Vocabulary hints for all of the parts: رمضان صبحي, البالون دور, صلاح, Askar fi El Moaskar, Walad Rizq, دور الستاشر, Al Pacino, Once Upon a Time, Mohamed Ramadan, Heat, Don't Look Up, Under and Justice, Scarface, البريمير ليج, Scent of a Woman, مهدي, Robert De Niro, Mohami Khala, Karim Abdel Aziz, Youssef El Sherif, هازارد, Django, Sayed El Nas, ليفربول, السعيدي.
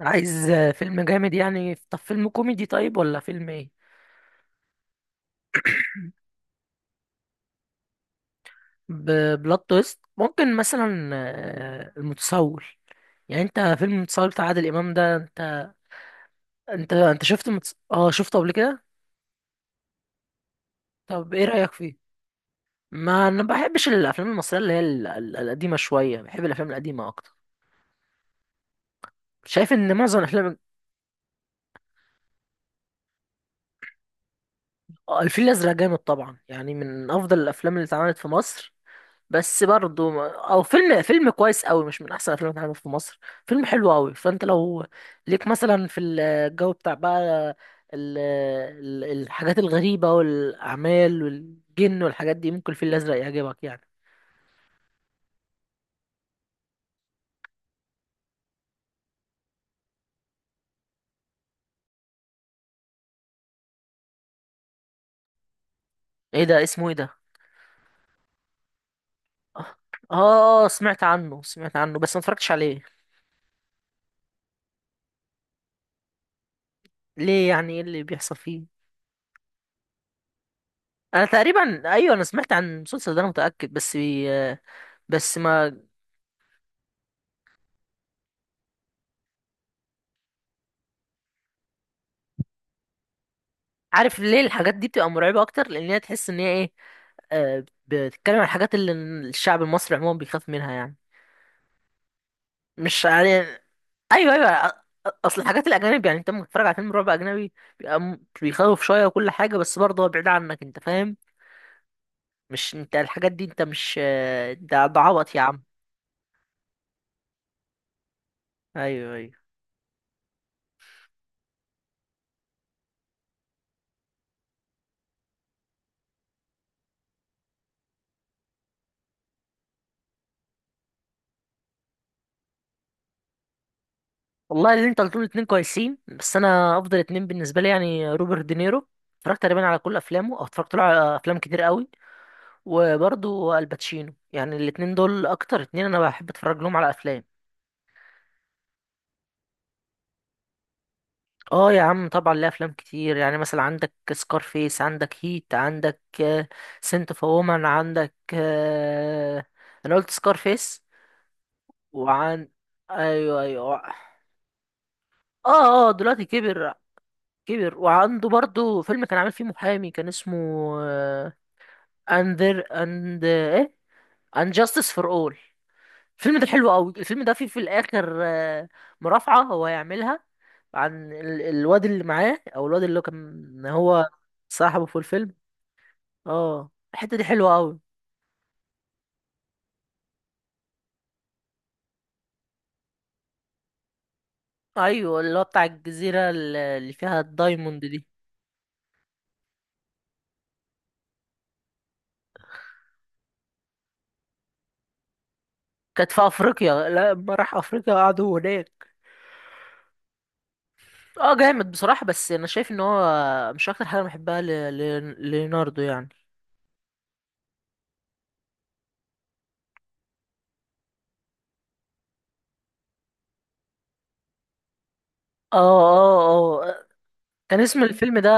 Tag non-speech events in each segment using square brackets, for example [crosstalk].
عايز فيلم جامد يعني. طب فيلم كوميدي، طيب ولا فيلم ايه؟ بلوت تويست ممكن مثلا، المتسول. يعني انت فيلم المتسول بتاع عادل امام ده، انت شفت متس... اه شفته قبل كده؟ طب ايه رايك فيه؟ ما انا بحبش الافلام المصريه اللي هي القديمه شويه، بحب الافلام القديمه اكتر. شايف ان معظم الافلام. الفيل الازرق جامد طبعا، يعني من افضل الافلام اللي اتعملت في مصر. بس برضو ما- او فيلم كويس قوي، مش من احسن افلام اللي في مصر. فيلم حلو قوي. فانت لو ليك مثلا في الجو بتاع بقى الحاجات الغريبة والاعمال والجن والحاجات دي، ممكن الفيل الازرق يعجبك يعني. ايه ده؟ اسمه ايه ده؟ اه. سمعت عنه سمعت عنه، بس ما اتفرجتش عليه. ليه؟ يعني ايه اللي بيحصل فيه؟ انا تقريبا، ايوه، انا سمعت عن المسلسل ده، انا متاكد، بس بي... بس ما عارف ليه الحاجات دي بتبقى مرعبه اكتر؟ لان هي تحس ان هي ايه، بتتكلم عن الحاجات اللي الشعب المصري عموما بيخاف منها يعني. مش يعني؟ ايوه، ايوه، اصل الحاجات الاجانب، يعني انت لما تتفرج على فيلم رعب اجنبي، بيبقى بيخوف شويه وكل حاجه، بس برضه هو بعيد عنك، انت فاهم؟ مش انت الحاجات دي، انت مش ده عبط يا عم. ايوه، ايوه. والله اللي انت قلتهم الاتنين كويسين، بس انا افضل اتنين بالنسبه لي يعني روبرت دينيرو. اتفرجت تقريبا على كل افلامه، او اتفرجت له على افلام كتير قوي. وبرضه الباتشينو، يعني الاتنين دول اكتر اتنين انا بحب اتفرج لهم على افلام. اه يا عم طبعا، ليه افلام كتير، يعني مثلا عندك سكارفيس، عندك هيت، عندك سنت اوف وومن، عندك انا قلت سكارفيس. وعن. ايوه، ايوه، اه. اه، دلوقتي كبر. كبر وعنده برضو فيلم كان عامل فيه محامي كان اسمه اندر اند ايه اند جاستس فور اول. الفيلم ده حلو قوي. الفيلم ده فيه في الاخر مرافعة هو هيعملها عن الواد اللي معاه، او الواد اللي هو كان هو صاحبه في الفيلم. اه، الحتة دي حلوة قوي. ايوه، اللي هو بتاع الجزيرة اللي فيها الدايموند دي. كانت في افريقيا. لا، لما راح افريقيا قعدوا هناك. اه، جامد بصراحة، بس انا شايف ان هو مش اكتر حاجة أنا بحبها ليوناردو يعني. اه، اه، اه. كان اسم الفيلم ده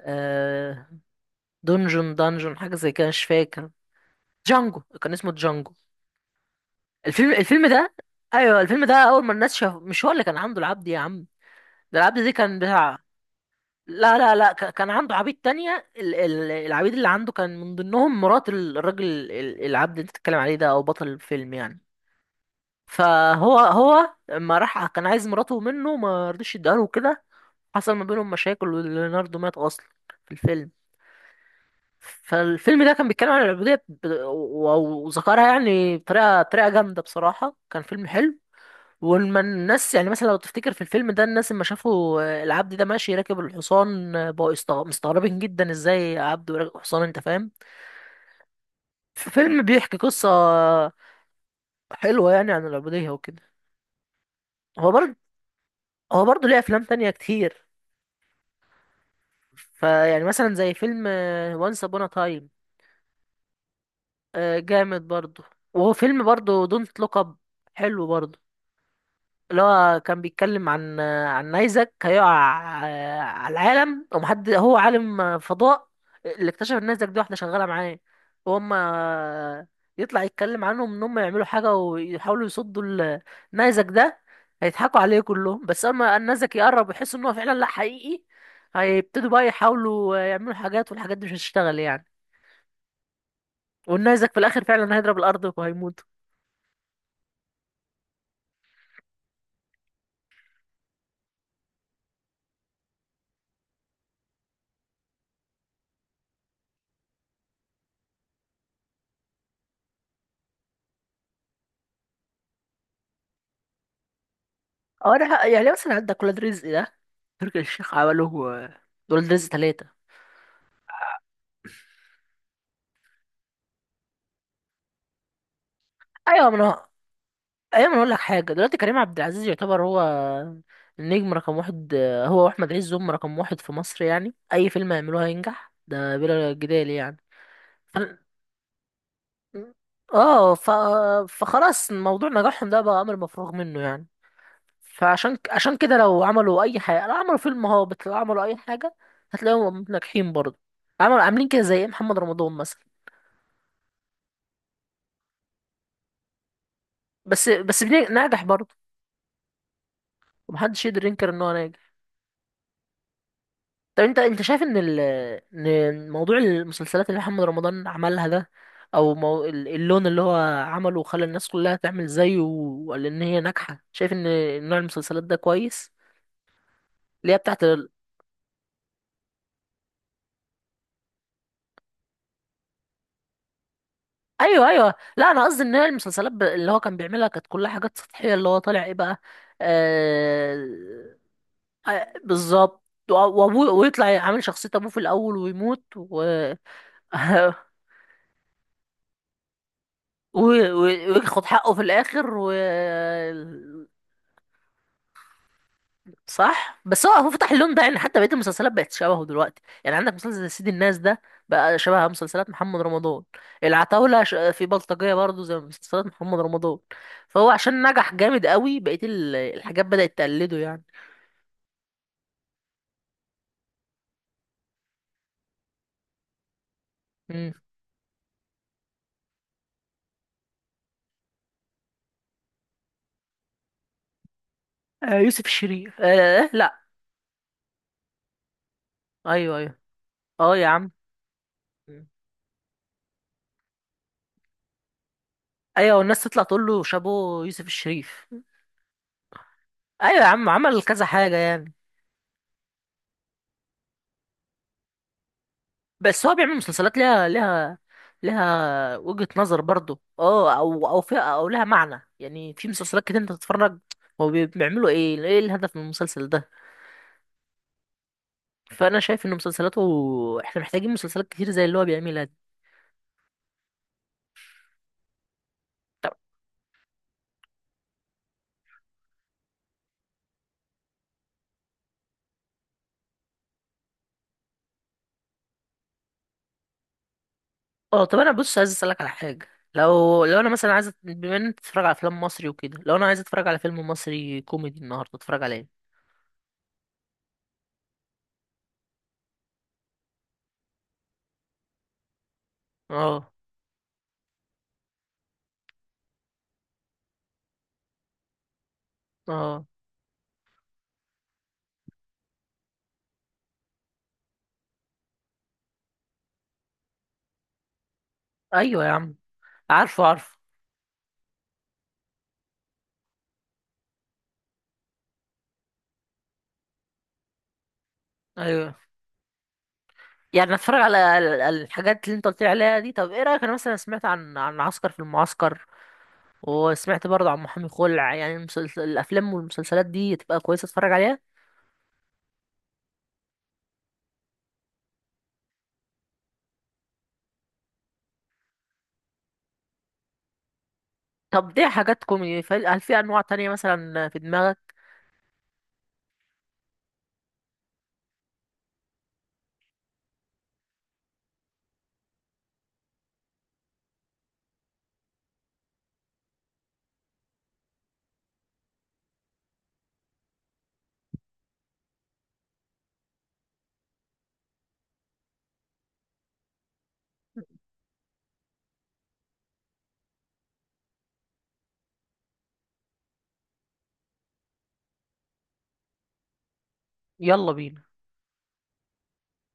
آه دونجون، دانجون، حاجة زي كده، مش فاكر. جانجو، كان اسمه جانجو. الفيلم ده. ايوه، الفيلم ده اول ما الناس شاف مش هو اللي كان عامله العبد يا عم. ده العبد دي كان بتاع. لا، لا، لا، كان عنده عبيد تانية. العبيد اللي عنده كان من ضمنهم مرات الراجل، العبد اللي انت بتتكلم عليه ده، او بطل الفيلم يعني. فهو لما راح كان عايز مراته منه، ما رضيش يديها له كده. حصل ما بينهم مشاكل، وليوناردو مات اصلا في الفيلم. فالفيلم ده كان بيتكلم عن العبودية، وذكرها يعني بطريقة طريقة جامدة، بصراحة كان فيلم حلو. ولما الناس يعني مثلا لو تفتكر في الفيلم ده، الناس لما شافوا العبد ده ماشي راكب الحصان، بقوا مستغربين جدا، ازاي عبد وراكب حصان، انت فاهم؟ في فيلم بيحكي قصة حلوة يعني عن العبودية وكده. هو برضه هو برضه ليه أفلام تانية كتير. فيعني مثلا زي فيلم وانس أبونا تايم، جامد برضه. وهو فيلم برضه دونت لوك أب، حلو برضه. اللي هو كان بيتكلم عن نيزك هيقع على العالم، ومحد هو عالم فضاء. اللي اكتشف ان نيزك دي واحدة شغالة معاه، وهم يطلع يتكلم عنهم ان هم يعملوا حاجة ويحاولوا يصدوا نيزك ده. هيضحكوا عليه كلهم، بس اما النيزك يقرب ويحس ان هو فعلا لا، حقيقي. هيبتدوا بقى يحاولوا يعملوا حاجات، والحاجات دي مش هتشتغل يعني. والنيزك في الاخر فعلا هيضرب الارض وهيموت. اه، ده يعني مثلا عندك ولاد رزق ده، تركي الشيخ عمله آه، ولاد رزق ثلاثة. ايوه، ما انا. ايوه ما أنا اقول لك حاجة دلوقتي، كريم عبد العزيز يعتبر هو النجم رقم واحد. هو واحمد عز هم رقم واحد في مصر، يعني اي فيلم يعملوه هينجح ده بلا جدال يعني. ف... اه ف... فخلاص موضوع نجاحهم ده بقى امر مفروغ منه يعني. فعشان عشان كده، لو عملوا اي حاجة، لو عملوا فيلم هابط، لو عملوا اي حاجة، هتلاقيهم ناجحين برضه. عملوا عاملين كده زي إيه، محمد رمضان مثلا. بس ناجح برضه. ومحدش يقدر ينكر ان هو ناجح. طب انت شايف ان موضوع المسلسلات اللي محمد رمضان عملها ده، او مو اللون اللي هو عمله وخلى الناس كلها تعمل زيه، وقال ان هي ناجحه. شايف ان نوع المسلسلات ده كويس، اللي هي بتاعت ايوه، ايوه، لا، انا قصدي ان هي المسلسلات اللي هو كان بيعملها كانت كلها حاجات سطحيه، اللي هو طالع ايه بقى. آه، آه، بالظبط. وأبوه، ويطلع عامل شخصية أبوه في الأول ويموت، و [laughs] و- و- وياخد حقه في الاخر و. صح، بس هو فتح اللون ده، يعني حتى بقيه المسلسلات بقت شبهه دلوقتي، يعني عندك مسلسل زي سيد الناس ده، بقى شبه مسلسلات محمد رمضان. العتاولة، في بلطجية برضه زي مسلسلات محمد رمضان. فهو عشان نجح جامد قوي، بقيه الحاجات بدأت تقلده يعني. مم. آه، يوسف الشريف، آه، لا. ايوه، ايوه. اه يا عم. مم. ايوه، والناس تطلع تقول له شابو يوسف الشريف. ايوه يا عم، عمل كذا حاجة يعني. بس هو بيعمل مسلسلات لها وجهة نظر برضه، او فيها او لها معنى، يعني في مسلسلات كتير انت تتفرج. هو بيعملوا ايه، ايه الهدف من المسلسل ده؟ فانا شايف ان مسلسلاته، احنا محتاجين مسلسلات كتير زي اللي هو بيعملها دي. طب اه طب انا بص، عايز اسالك على حاجه. لو انا مثلا عايز بما ان انت بتتفرج على افلام مصري وكده، لو انا عايز اتفرج على فيلم مصري كوميدي النهارده اتفرج على ايه؟ اه، اه، ايوه يا عم. عارفه، عارفه. ايوه، يعني اتفرج على الحاجات اللي انت قلت لي عليها دي. طب ايه رايك، انا مثلا سمعت عن عسكر في المعسكر، وسمعت برضه عن محامي خلع، يعني الافلام والمسلسلات دي تبقى كويسه، اتفرج عليها؟ طب دي حاجات كوميدي، هل في انواع تانية مثلا في دماغك؟ يلا بينا.